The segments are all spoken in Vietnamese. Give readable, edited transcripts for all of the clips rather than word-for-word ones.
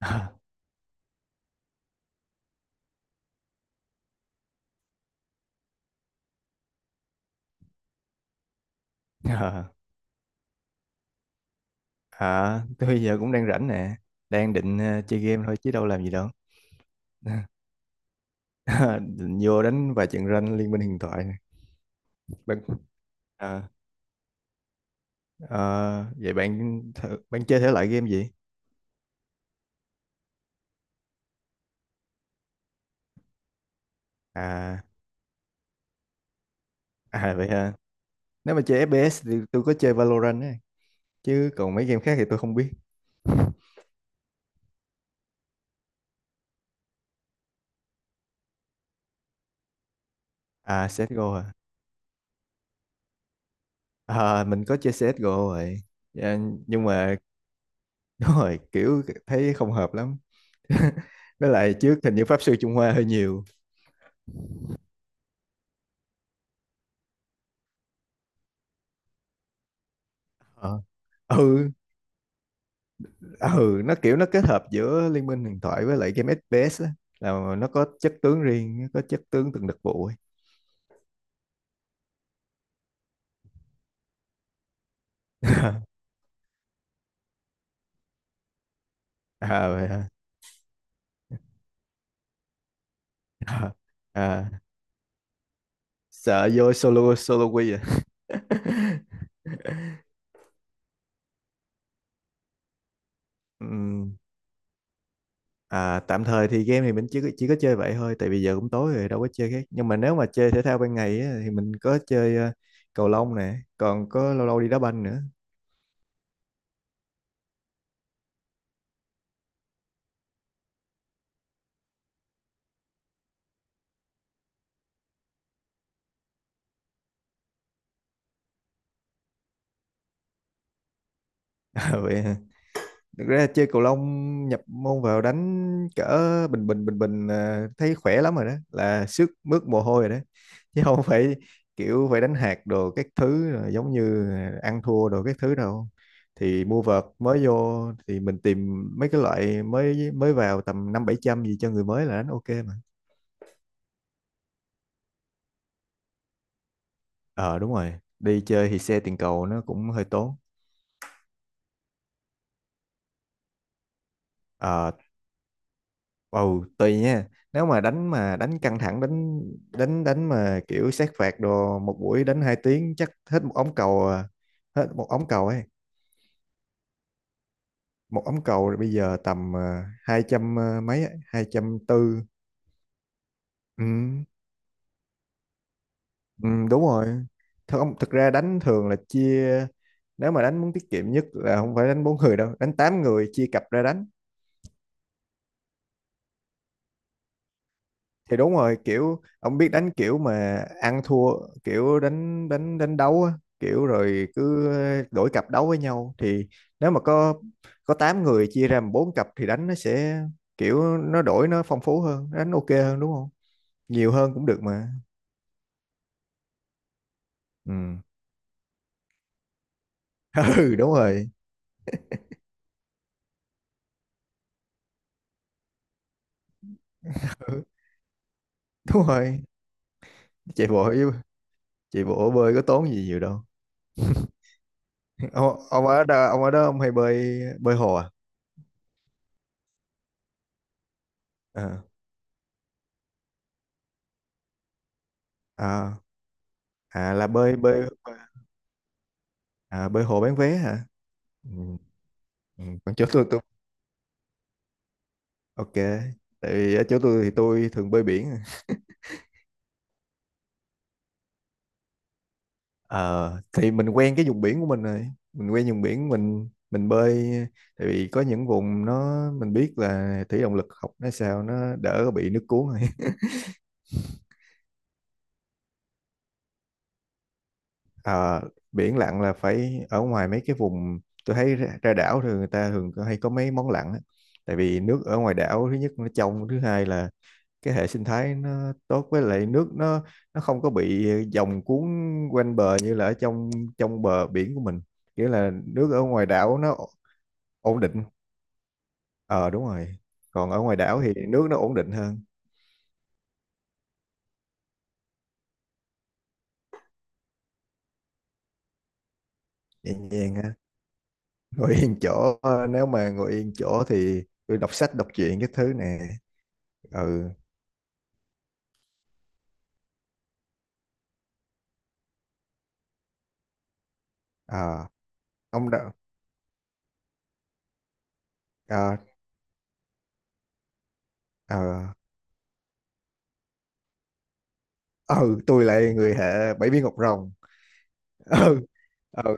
Ờ, ờ, ờ, tôi giờ cũng đang rảnh nè, đang định chơi game thôi chứ đâu làm gì đâu. Định vô đánh vài trận rank Liên minh huyền thoại nè. Bạn, ờ, ờ, vậy bạn chơi thể loại game gì? À, à vậy ha. Nếu mà chơi FPS thì tôi có chơi Valorant ấy. Chứ còn mấy game khác thì tôi không biết. À, CSGO à. À, mình có chơi CSGO rồi. Dạ, nhưng mà đúng rồi, kiểu thấy không hợp lắm. Với lại trước hình như Pháp sư Trung Hoa hơi nhiều. Ờ. ừ ừ, nó kiểu nó kết hợp giữa Liên minh huyền thoại với lại game FPS á, là nó có chất tướng riêng, nó có chất tướng từng đặc vụ ấy. À, vậy hả? à, à, sợ vô solo solo quy à. Ừm, à, tạm thời thì game thì mình chỉ có chơi vậy thôi, tại vì giờ cũng tối rồi đâu có chơi khác, nhưng mà nếu mà chơi thể thao ban ngày á, thì mình có chơi cầu lông nè, còn có lâu lâu đi đá banh nữa. À, vậy thực ra chơi cầu lông nhập môn vào đánh cỡ bình bình à, thấy khỏe lắm rồi đó, là sức mướt mồ hôi rồi đó chứ không phải kiểu phải đánh hạt đồ các thứ rồi giống như ăn thua đồ các thứ đâu. Thì mua vợt mới vô thì mình tìm mấy cái loại mới mới vào tầm năm bảy trăm gì cho người mới là đánh ok mà. Ờ đúng rồi, đi chơi thì xe tiền cầu nó cũng hơi tốn. Ờ, ồ, tùy nha. Nếu mà đánh căng thẳng đánh đánh đánh mà kiểu sát phạt đồ, một buổi đánh 2 tiếng chắc hết một ống cầu à. Hết một ống cầu ấy. Một ống cầu bây giờ tầm 200 à, mấy ấy, 240. Ừ, ừ đúng rồi. Thật không, thực ra đánh thường là chia, nếu mà đánh muốn tiết kiệm nhất là không phải đánh bốn người đâu, đánh 8 người chia cặp ra đánh. Thì đúng rồi, kiểu ông biết đánh kiểu mà ăn thua, kiểu đánh đánh đánh đấu á, kiểu rồi cứ đổi cặp đấu với nhau thì nếu mà có 8 người chia ra làm bốn cặp thì đánh nó sẽ kiểu nó đổi, nó phong phú hơn, đánh ok hơn đúng không. Nhiều hơn cũng được mà. Ừ. Ừ đúng rồi. Ừ, đúng rồi. chạy bộ với- Chạy bộ bơi có tốn gì nhiều đâu. Ông ở đó, ông ở đó ông hay bơi bơi hồ à? Ờ. à là bơi bơi. À, bơi hồ bán vé hả? Ừ. Ừ. còn chỗ tôi Ok. Tại vì ở chỗ tôi thì tôi thường bơi biển. Ờ, thì mình quen cái vùng biển của mình rồi. Mình quen vùng biển mình bơi. Tại vì có những vùng nó mình biết là thủy động lực học nó sao nó đỡ bị nước cuốn rồi. Ờ, biển lặn là phải ở ngoài mấy cái vùng, tôi thấy ra đảo thì người ta thường hay có mấy món lặn á. Tại vì nước ở ngoài đảo thứ nhất nó trong, thứ hai là cái hệ sinh thái nó tốt, với lại nước nó không có bị dòng cuốn quanh bờ như là ở trong trong bờ biển của mình, nghĩa là nước ở ngoài đảo nó ổn định. Ờ đúng rồi, còn ở ngoài đảo thì nước nó ổn định hơn. Nhẹ nhàng ha, ngồi yên chỗ ờ, nếu mà ngồi yên chỗ thì tôi đọc sách đọc truyện cái thứ nè. Ừ. à, ông đã à, à, ừ, tôi lại người hệ bảy viên ngọc rồng. Ừ. Ừ.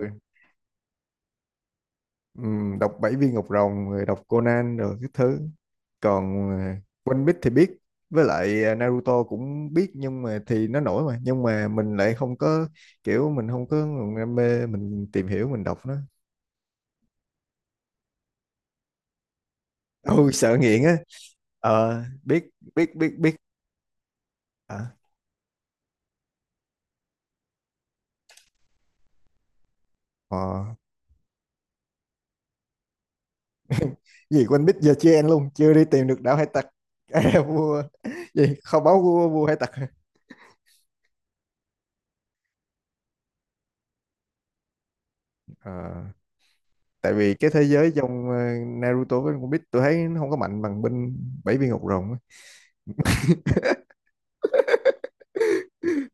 Đọc Bảy Viên Ngọc Rồng rồi đọc Conan rồi cái thứ, còn à, One Piece thì biết, với lại à, Naruto cũng biết nhưng mà thì nó nổi mà nhưng mà mình lại không có, kiểu mình không có nguồn đam mê mình tìm hiểu mình đọc nó. Ôi sợ nghiện á. Ờ, biết biết biết biết. à, ờ Gì One Piece giờ chưa ăn luôn, chưa đi tìm được đảo hải tặc. À, vua gì, kho báu của vua hải tặc. Ờ, tại vì cái thế giới trong à, Naruto với One Piece tôi thấy nó không có mạnh bằng bên bảy viên ngọc rồng á.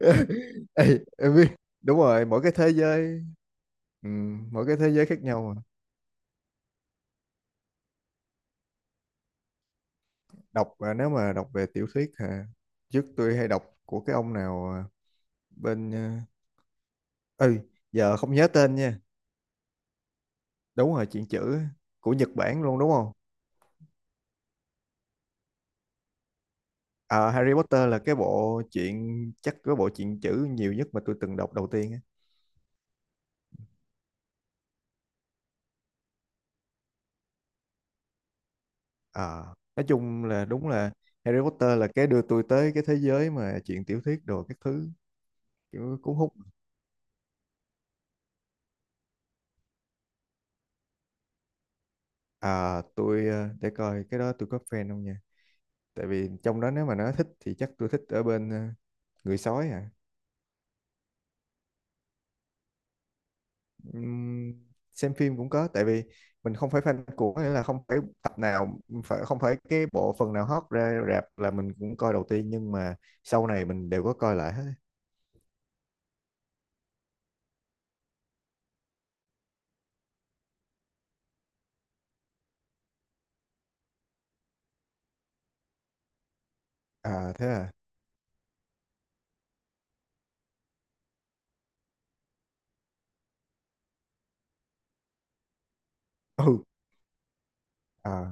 Ê, em biết. Đúng rồi, mỗi cái thế giới. Ừ, mỗi cái thế giới khác nhau mà. Đọc à, nếu mà đọc về tiểu thuyết à, trước tôi hay đọc của cái ông nào à, bên à, ừ, giờ không nhớ tên nha. Đúng rồi, chuyện chữ á, của Nhật Bản luôn đúng không? À, Harry Potter là cái bộ chuyện chắc cái bộ chuyện chữ nhiều nhất mà tôi từng đọc đầu tiên á. À, nói chung là đúng là Harry Potter là cái đưa tôi tới cái thế giới mà chuyện tiểu thuyết đồ các thứ kiểu cuốn hút. À, tôi để coi cái đó tôi có fan không nha. Tại vì trong đó nếu mà nó thích thì chắc tôi thích ở bên người sói à. Ừm, xem phim cũng có, tại vì mình không phải fan của, nghĩa là không phải tập nào, không phải cái bộ phần nào hot ra rạp là mình cũng coi đầu tiên, nhưng mà sau này mình đều có coi lại hết. À thế à. Ừ. À,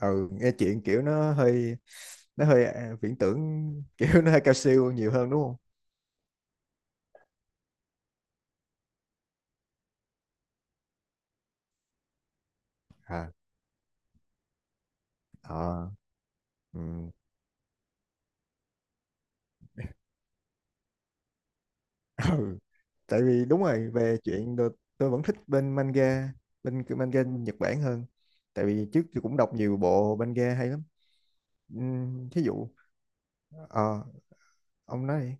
ừ nghe chuyện kiểu nó hơi à, viễn tưởng kiểu nó hơi cao siêu nhiều hơn đúng không? À, ờ, ừ. Ừ. Tại vì đúng rồi, tôi vẫn thích bên manga, bên cái manga Nhật Bản hơn, tại vì trước tôi cũng đọc nhiều bộ manga hay lắm. Thí dụ ờ, ông nói đi.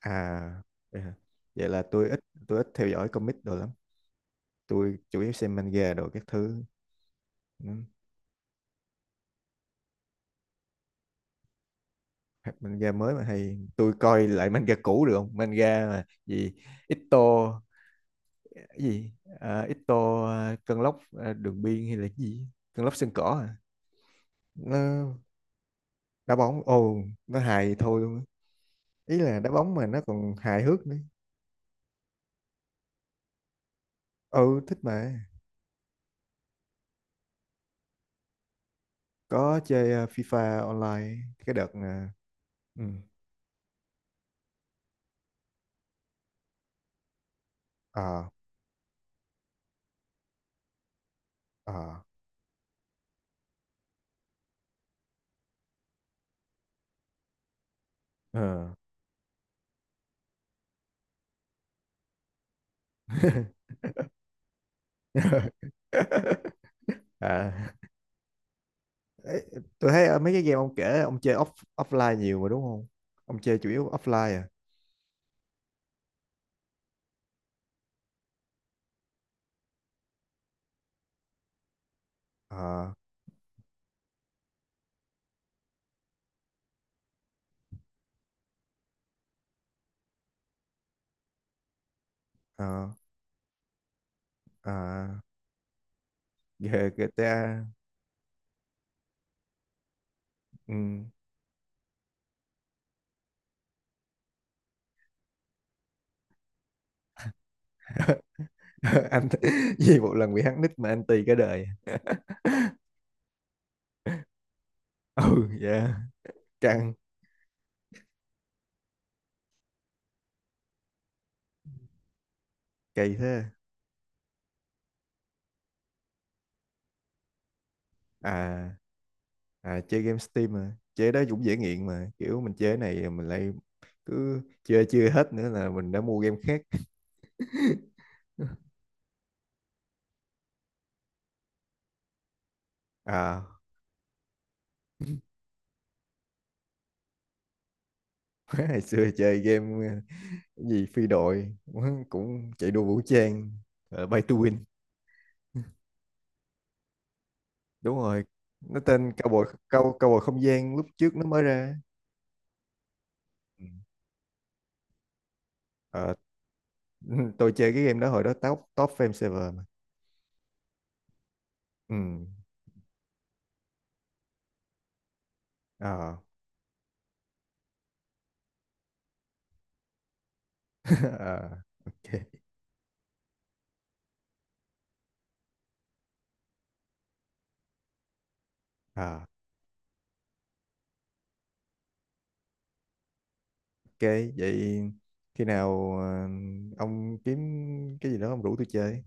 À, vậy hả? Vậy là tôi ít, tôi ít theo dõi comic đồ lắm, tôi chủ yếu xem manga đồ các thứ. Ừ, hoặc manga mới mà hay, tôi coi lại manga cũ được không, manga mà gì Ito cái gì à, Ito à, cơn lốc à, đường biên hay là cái gì, cơn lốc sân cỏ à? Nó đá bóng ồ, nó hài thôi luôn á. Ý là đá bóng mà nó còn hài hước nữa. Ừ thích mà. Có chơi FIFA online cái đợt nè. Ừ. ờ ờ ờ à Ê, tôi thấy mấy cái game ông kể ông chơi offline nhiều mà đúng không, ông chơi chủ yếu offline à? ờ ờ ờ GTA. Ừ. Anh gì một lần bị hack nick mà anh tì cả đời. Ừ. Dạ. Căng. Kỳ thế. À, à chơi game Steam mà. Chơi đó cũng dễ nghiện mà. Kiểu mình chơi này mình lại cứ chơi chưa hết nữa là mình đã mua game khác. À, hồi xưa chơi game cái gì phi đội cũng chạy đua vũ trang, ờ, Bay to Win. Đúng rồi. Nó tên Cowboy không gian lúc trước nó mới ra. Ừ. Ờ, tôi chơi cái game đó hồi đó top top fame server mà. Ừ. Ờ. Ờ, ok. Ờ. Ok, vậy khi nào ông kiếm cái gì đó ông rủ tôi chơi.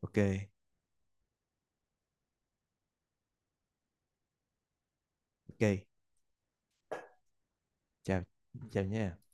Ok, ok, chào, chào nha.